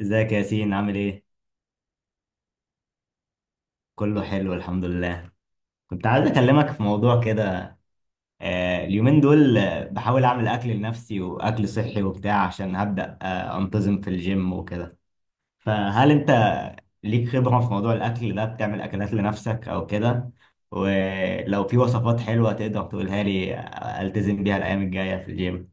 ازيك يا ياسين، عامل ايه؟ كله حلو، الحمد لله. كنت عايز اكلمك في موضوع كده. اليومين دول بحاول اعمل اكل لنفسي واكل صحي وبتاع عشان هبدأ انتظم في الجيم وكده. فهل انت ليك خبرة في موضوع الاكل ده؟ بتعمل اكلات لنفسك او كده؟ ولو في وصفات حلوة تقدر تقولها لي التزم بيها الايام الجاية في الجيم.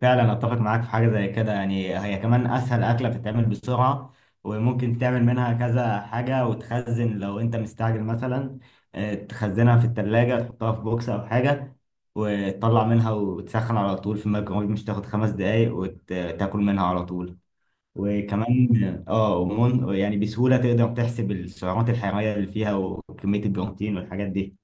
فعلا اتفق معاك في حاجه زي كده، يعني هي كمان اسهل اكله، بتتعمل بسرعه وممكن تعمل منها كذا حاجه وتخزن لو انت مستعجل مثلا. تخزنها في التلاجة، تحطها في بوكس او حاجه وتطلع منها وتسخن على طول في الميكرويف، مش تاخد خمس دقايق وتاكل منها على طول. وكمان ومن يعني بسهوله تقدر تحسب السعرات الحراريه اللي فيها وكميه البروتين والحاجات دي.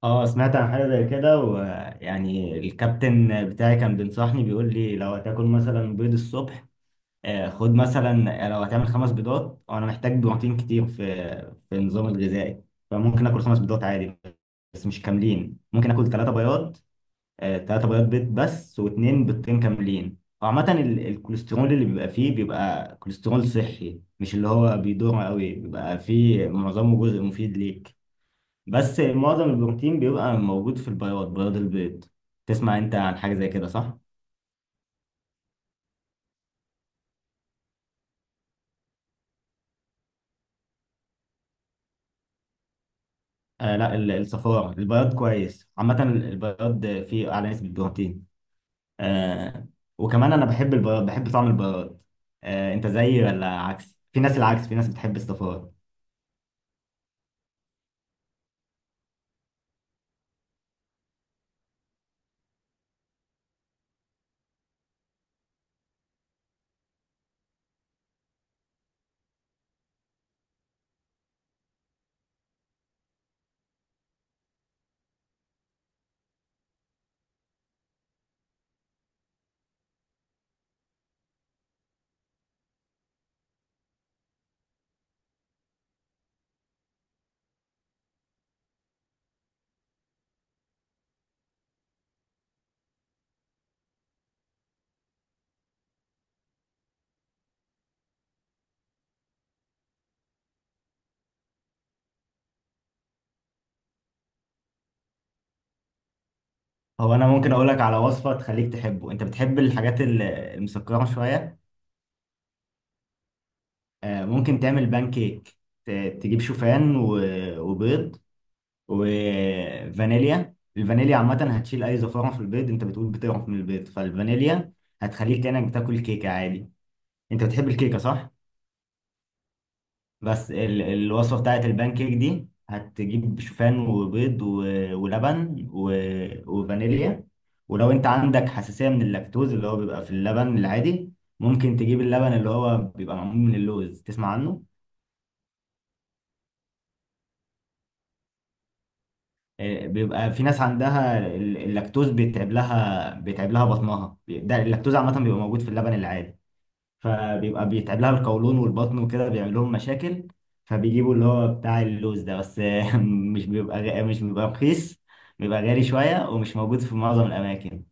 اه، سمعت عن حاجة زي كده، ويعني الكابتن بتاعي كان بينصحني بيقول لي لو هتاكل مثلا بيض الصبح خد مثلا لو هتعمل خمس بيضات وانا محتاج بروتين كتير في النظام الغذائي، فممكن اكل خمس بيضات عادي، بس مش كاملين. ممكن اكل ثلاثة بياض ثلاثة بياض بيض بس، واثنين بيضتين كاملين. وعامة الكوليسترول اللي بيبقى فيه بيبقى كوليسترول صحي، مش اللي هو بيدور قوي، بيبقى فيه معظمه جزء مفيد ليك. بس معظم البروتين بيبقى موجود في البياض، بياض البيض. تسمع انت عن حاجة زي كده صح؟ آه لا، ال- الصفار البياض كويس. عامة البياض فيه أعلى نسبة بروتين. آه وكمان أنا بحب البياض، بحب طعم البياض. أنت زيي ولا عكس؟ في ناس العكس، في ناس بتحب الصفار. هو أنا ممكن أقول لك على وصفة تخليك تحبه. أنت بتحب الحاجات المسكرة شوية؟ ممكن تعمل بان كيك. تجيب شوفان وبيض وفانيليا. الفانيليا عامة هتشيل أي زفارة في البيض، أنت بتقول بتقرف من البيض، فالفانيليا هتخليك كأنك بتاكل كيكة عادي. أنت بتحب الكيكة صح؟ بس الوصفة بتاعت البان كيك دي هتجيب شوفان وبيض ولبن وفانيليا. ولو أنت عندك حساسية من اللاكتوز، اللي هو بيبقى في اللبن العادي، ممكن تجيب اللبن اللي هو بيبقى معمول من اللوز. تسمع عنه؟ بيبقى في ناس عندها اللاكتوز بيتعب لها، بطنها. ده اللاكتوز عامة بيبقى موجود في اللبن العادي، فبيبقى بيتعب لها القولون والبطن وكده بيعمل لهم مشاكل. فبيجيبوا اللي هو بتاع اللوز ده، بس مش بيبقى رخيص. بيبقى غالي شوية ومش موجود في معظم الأماكن.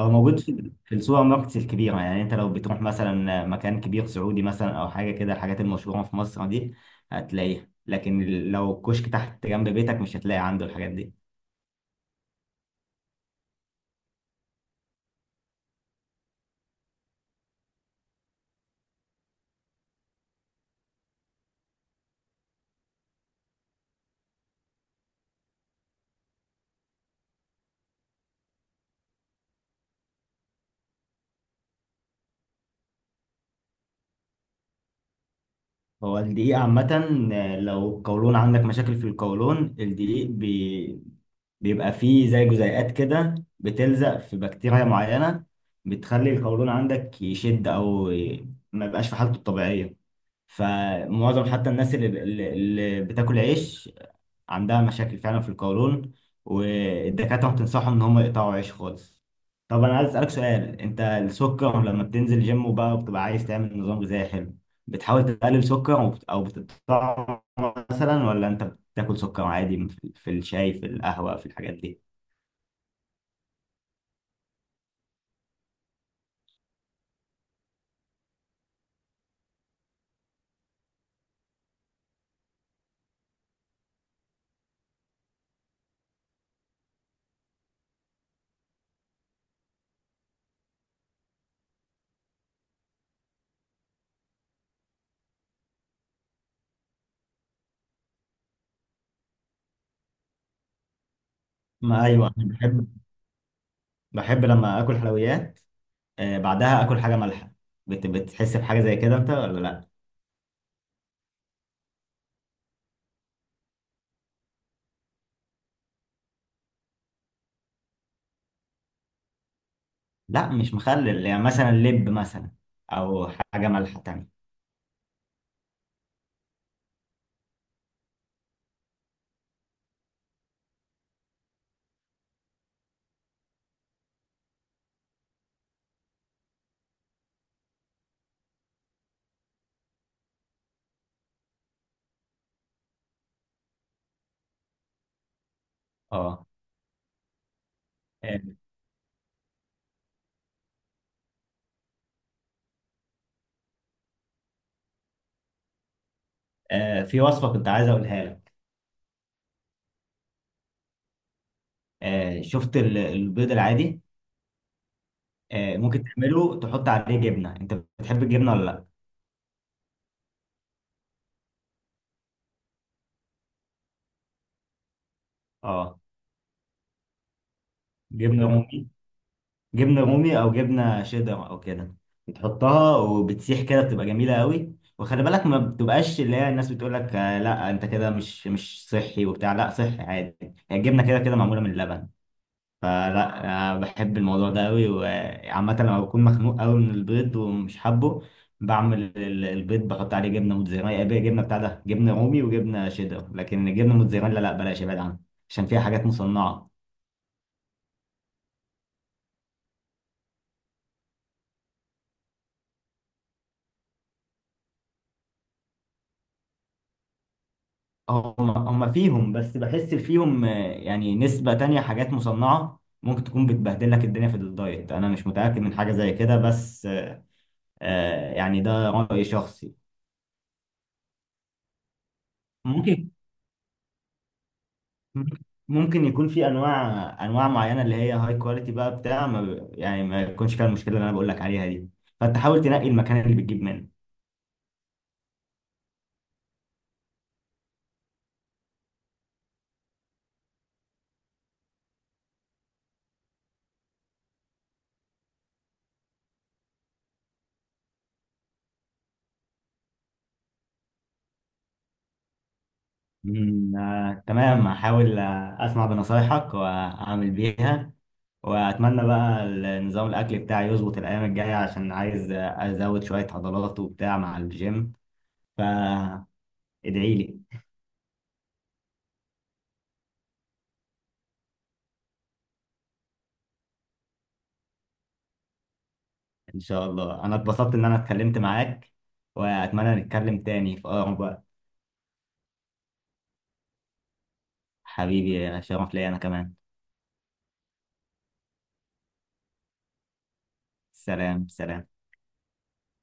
هو موجود في السوبر ماركتس الكبيرة، يعني أنت لو بتروح مثلا مكان كبير سعودي مثلا أو حاجة كده، الحاجات المشهورة في مصر دي هتلاقيها. لكن لو الكشك تحت جنب بيتك مش هتلاقي عنده الحاجات دي. هو الدقيق عامة لو القولون عندك مشاكل في القولون، الدقيق بيبقى فيه زي جزيئات كده بتلزق في بكتيريا معينة بتخلي القولون عندك يشد أو ما يبقاش في حالته الطبيعية. فمعظم حتى الناس اللي بتاكل عيش عندها مشاكل فعلا في القولون، والدكاترة بتنصحهم إن هم يقطعوا عيش خالص. طب أنا عايز أسألك سؤال. أنت السكر لما بتنزل جيم وبقى وبتبقى عايز تعمل نظام غذائي حلو، بتحاول تقلل سكر أو بتقطعه مثلا، ولا أنت بتاكل سكر عادي في الشاي في القهوة في الحاجات دي؟ ما أيوه، أنا بحب. بحب لما آكل حلويات بعدها آكل حاجة مالحة. بتحس بحاجة زي كده أنت ولا لأ؟ لأ، مش مخلل، يعني مثلا لب مثلا، أو حاجة مالحة تانية. اه، آه، في وصفة كنت عايز أقولها لك. شفت البيض العادي؟ ممكن تعمله تحط عليه جبنة. أنت بتحب الجبنة ولا لأ؟ أه، جبنة رومي. جبنة رومي أو جبنة شيدر أو كده، بتحطها وبتسيح كده، بتبقى جميلة قوي. وخلي بالك، ما بتبقاش اللي هي الناس بتقول لك لا أنت كده مش، صحي وبتاع، لا صحي عادي. هي الجبنة كده كده معمولة من اللبن، فلا، أنا بحب الموضوع ده قوي. وعامة لما بكون مخنوق قوي من البيض ومش حابه، بعمل البيض بحط عليه جبنة موتزاريلا. بقى جبنة بتاع ده جبنة رومي وجبنة شيدر، لكن الجبنة موتزاريلا لا، بلاش ابعد عنها عشان فيها حاجات مصنعة. هم فيهم، بس بحس فيهم يعني نسبة تانية حاجات مصنعة ممكن تكون بتبهدل لك الدنيا في الدايت. انا مش متأكد من حاجة زي كده، بس يعني ده رأي شخصي. ممكن، ممكن يكون في انواع، انواع معينه اللي هي هاي كواليتي بقى، بتاع ما ب- يعني ما يكونش فيها المشكله اللي انا بقول لك عليها دي. فانت حاول تنقي المكان اللي بتجيب منه. تمام. هحاول اسمع بنصايحك واعمل بيها، واتمنى بقى نظام الاكل بتاعي يظبط الايام الجايه عشان عايز ازود شويه عضلات وبتاع مع الجيم. فادعي لي. ان شاء الله، انا اتبسطت ان انا اتكلمت معاك، واتمنى نتكلم تاني في اقرب وقت. حبيبي، يا شرف ليا انا كمان. سلام، سلام.